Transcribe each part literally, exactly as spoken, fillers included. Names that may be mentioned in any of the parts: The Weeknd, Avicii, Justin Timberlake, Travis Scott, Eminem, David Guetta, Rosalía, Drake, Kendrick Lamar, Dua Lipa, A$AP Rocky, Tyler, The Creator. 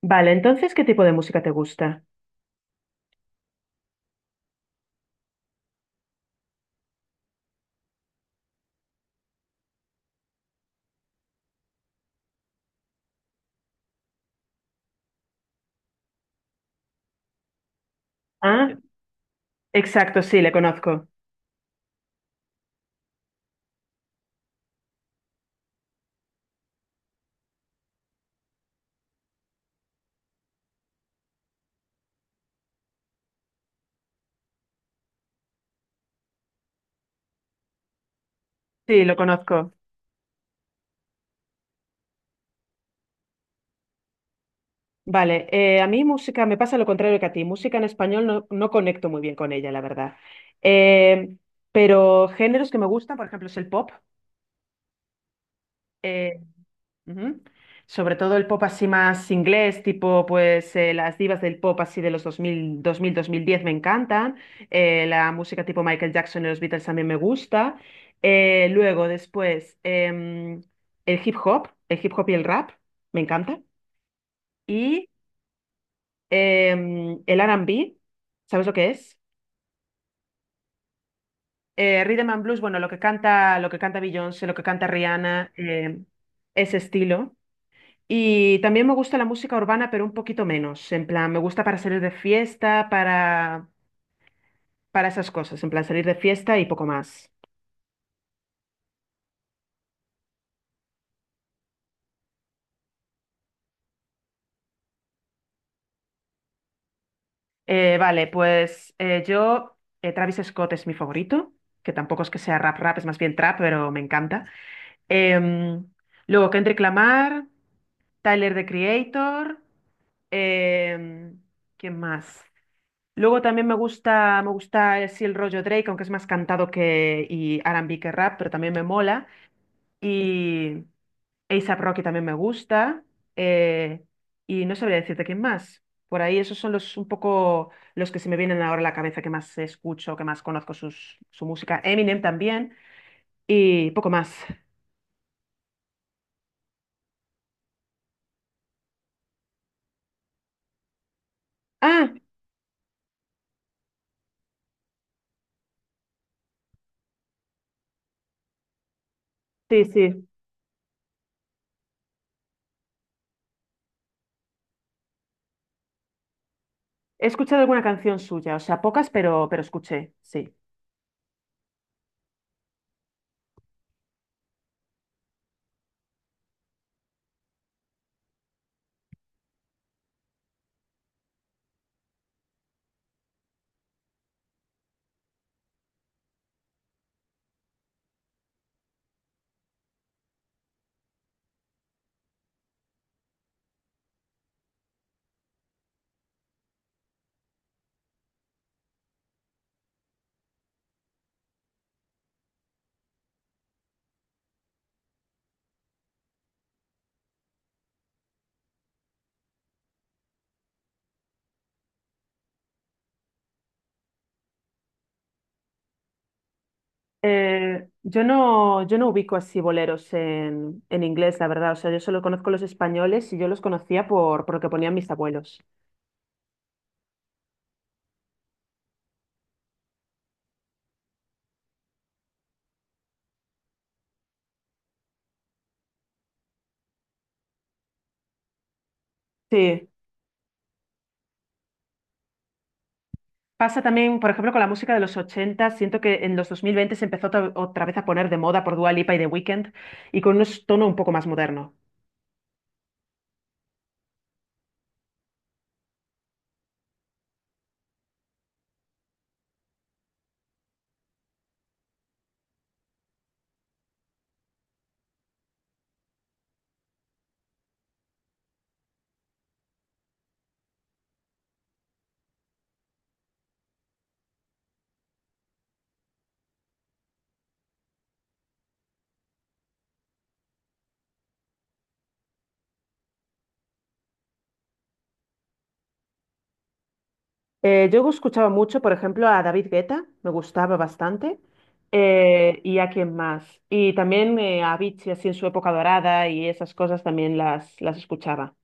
Vale, entonces, ¿qué tipo de música te gusta? Ah, exacto, sí, le conozco. Sí, lo conozco. Vale, eh, a mí música me pasa lo contrario que a ti. Música en español no, no conecto muy bien con ella, la verdad. Eh, pero géneros que me gustan, por ejemplo, es el pop. eh, Ujú. Sobre todo el pop así más inglés, tipo pues eh, las divas del pop así de los dos dos mil dos mil dos mil diez me encantan. Eh, la música tipo Michael Jackson y los Beatles también me gusta. Eh, luego, después, em, el hip hop, el hip hop y el rap, me encanta. em, el R and B, ¿sabes lo que es? Eh, Rhythm and Blues, bueno, lo que canta, lo que canta Beyoncé, lo que canta Rihanna, em, ese estilo. Y también me gusta la música urbana, pero un poquito menos. En plan, me gusta para salir de fiesta, para, para esas cosas. En plan, salir de fiesta y poco más. Eh, vale, pues eh, yo, eh, Travis Scott es mi favorito, que tampoco es que sea rap rap, es más bien trap, pero me encanta. Em, luego Kendrick Lamar, Tyler, The Creator. Em, ¿qué más? Luego también me gusta, me gusta así el rollo Drake, aunque es más cantado que y R and B que rap, pero también me mola. Y A$AP Rocky también me gusta. eh, y no sabría decirte quién más. Por ahí esos son los un poco los que se me vienen ahora a la cabeza que más escucho, que más conozco sus, su música. Eminem también y poco más. Ah, sí, sí. He escuchado alguna canción suya, o sea, pocas, pero, pero escuché, sí. Eh, yo no, yo no ubico así boleros en, en inglés, la verdad. O sea, yo solo conozco los españoles y yo los conocía por, por lo que ponían mis abuelos. Sí. Pasa también, por ejemplo, con la música de los ochenta. Siento que en los dos mil veinte se empezó otra otra vez a poner de moda por Dua Lipa y The Weeknd y con un tono un poco más moderno. Eh, yo escuchaba mucho, por ejemplo, a David Guetta, me gustaba bastante. Eh, ¿y a quién más? Y también eh, a Avicii, así en su época dorada y esas cosas también las, las escuchaba.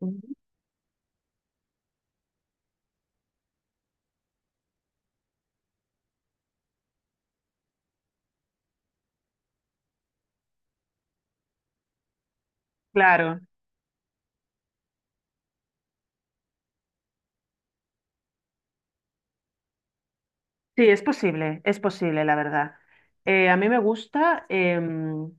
Ujú. Claro. Sí, es posible, es posible, la verdad. Eh, a mí me gusta, em,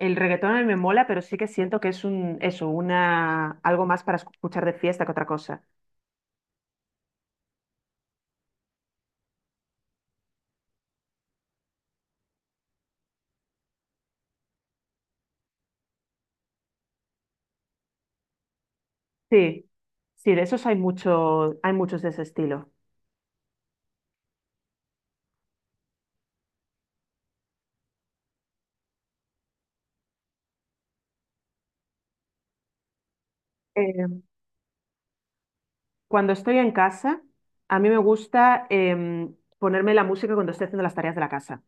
el reggaetón a mí me mola, pero sí que siento que es un, eso, una, algo más para escuchar de fiesta que otra cosa. Sí, sí, de esos hay mucho, hay muchos de ese estilo. Em, cuando estoy en casa, a mí me gusta em, ponerme la música cuando estoy haciendo las tareas de la casa.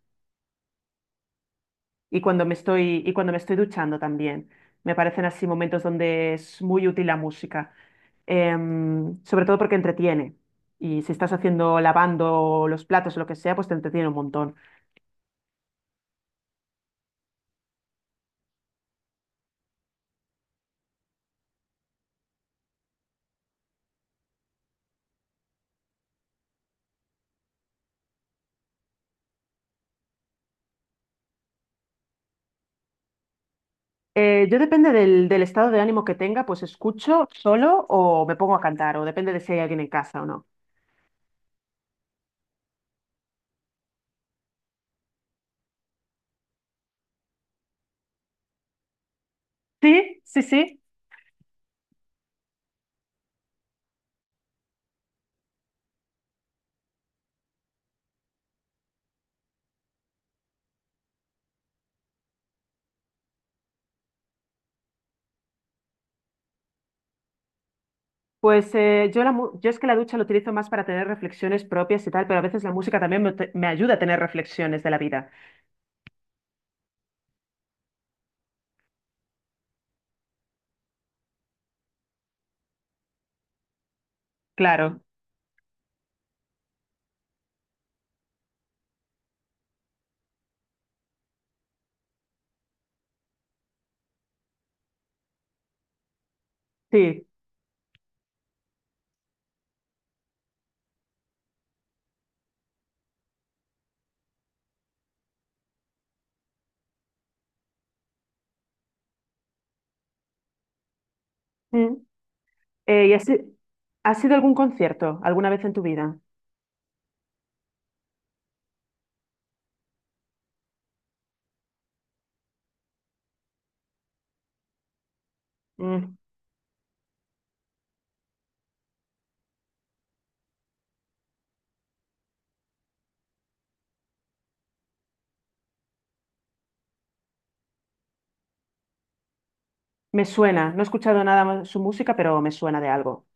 y cuando me estoy, y cuando me estoy duchando también. Me parecen así momentos donde es muy útil la música. Em, sobre todo porque entretiene. Y si estás haciendo, lavando los platos o lo que sea, pues te entretiene un montón. Eh, yo depende del, del estado de ánimo que tenga, pues escucho solo o me pongo a cantar, o depende de si hay alguien en casa o no. Sí, sí, sí. Pues eh, yo, la, mu- yo es que la ducha lo utilizo más para tener reflexiones propias y tal, pero a veces la música también me, te- me ayuda a tener reflexiones de la vida. Claro, sí. Mm. Eh, ¿y has, has ido a algún concierto alguna vez en tu vida? Mm, me suena, no he escuchado nada más de su música, pero me suena de algo.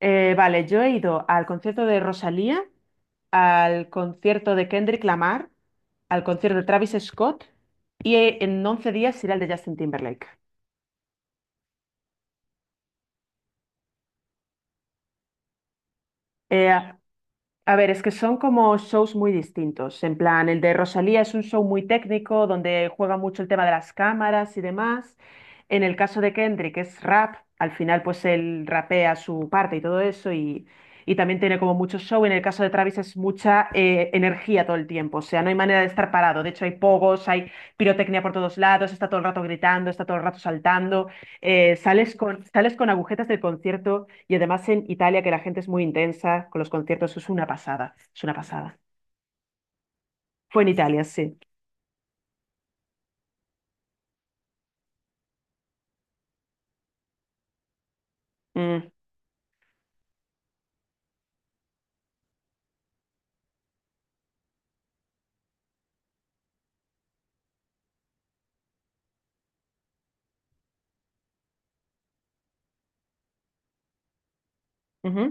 Eh, vale, yo he ido al concierto de Rosalía, al concierto de Kendrick Lamar, al concierto de Travis Scott y eh, en once días iré al de Justin Timberlake. Eh, A ver, es que son como shows muy distintos. En plan, el de Rosalía es un show muy técnico donde juega mucho el tema de las cámaras y demás. En el caso de Kendrick es rap. Al final, pues él rapea su parte y todo eso y, y también tiene como mucho show. En el caso de Travis es mucha eh, energía todo el tiempo. O sea, no hay manera de estar parado. De hecho, hay pogos, hay pirotecnia por todos lados, está todo el rato gritando, está todo el rato saltando. Eh, sales con, sales con agujetas del concierto. Y además en Italia, que la gente es muy intensa con los conciertos, es una pasada, es una pasada. Fue en Italia, sí. Mm, ujú.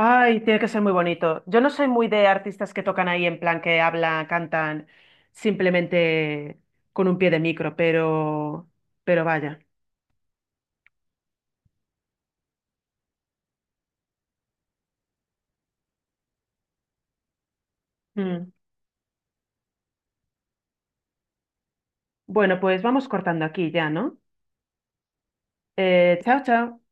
Ay, tiene que ser muy bonito. Yo no soy muy de artistas que tocan ahí en plan que hablan, cantan simplemente con un pie de micro, pero, pero vaya. Mm. Bueno, pues vamos cortando aquí ya, ¿no? Eh, chao, chao.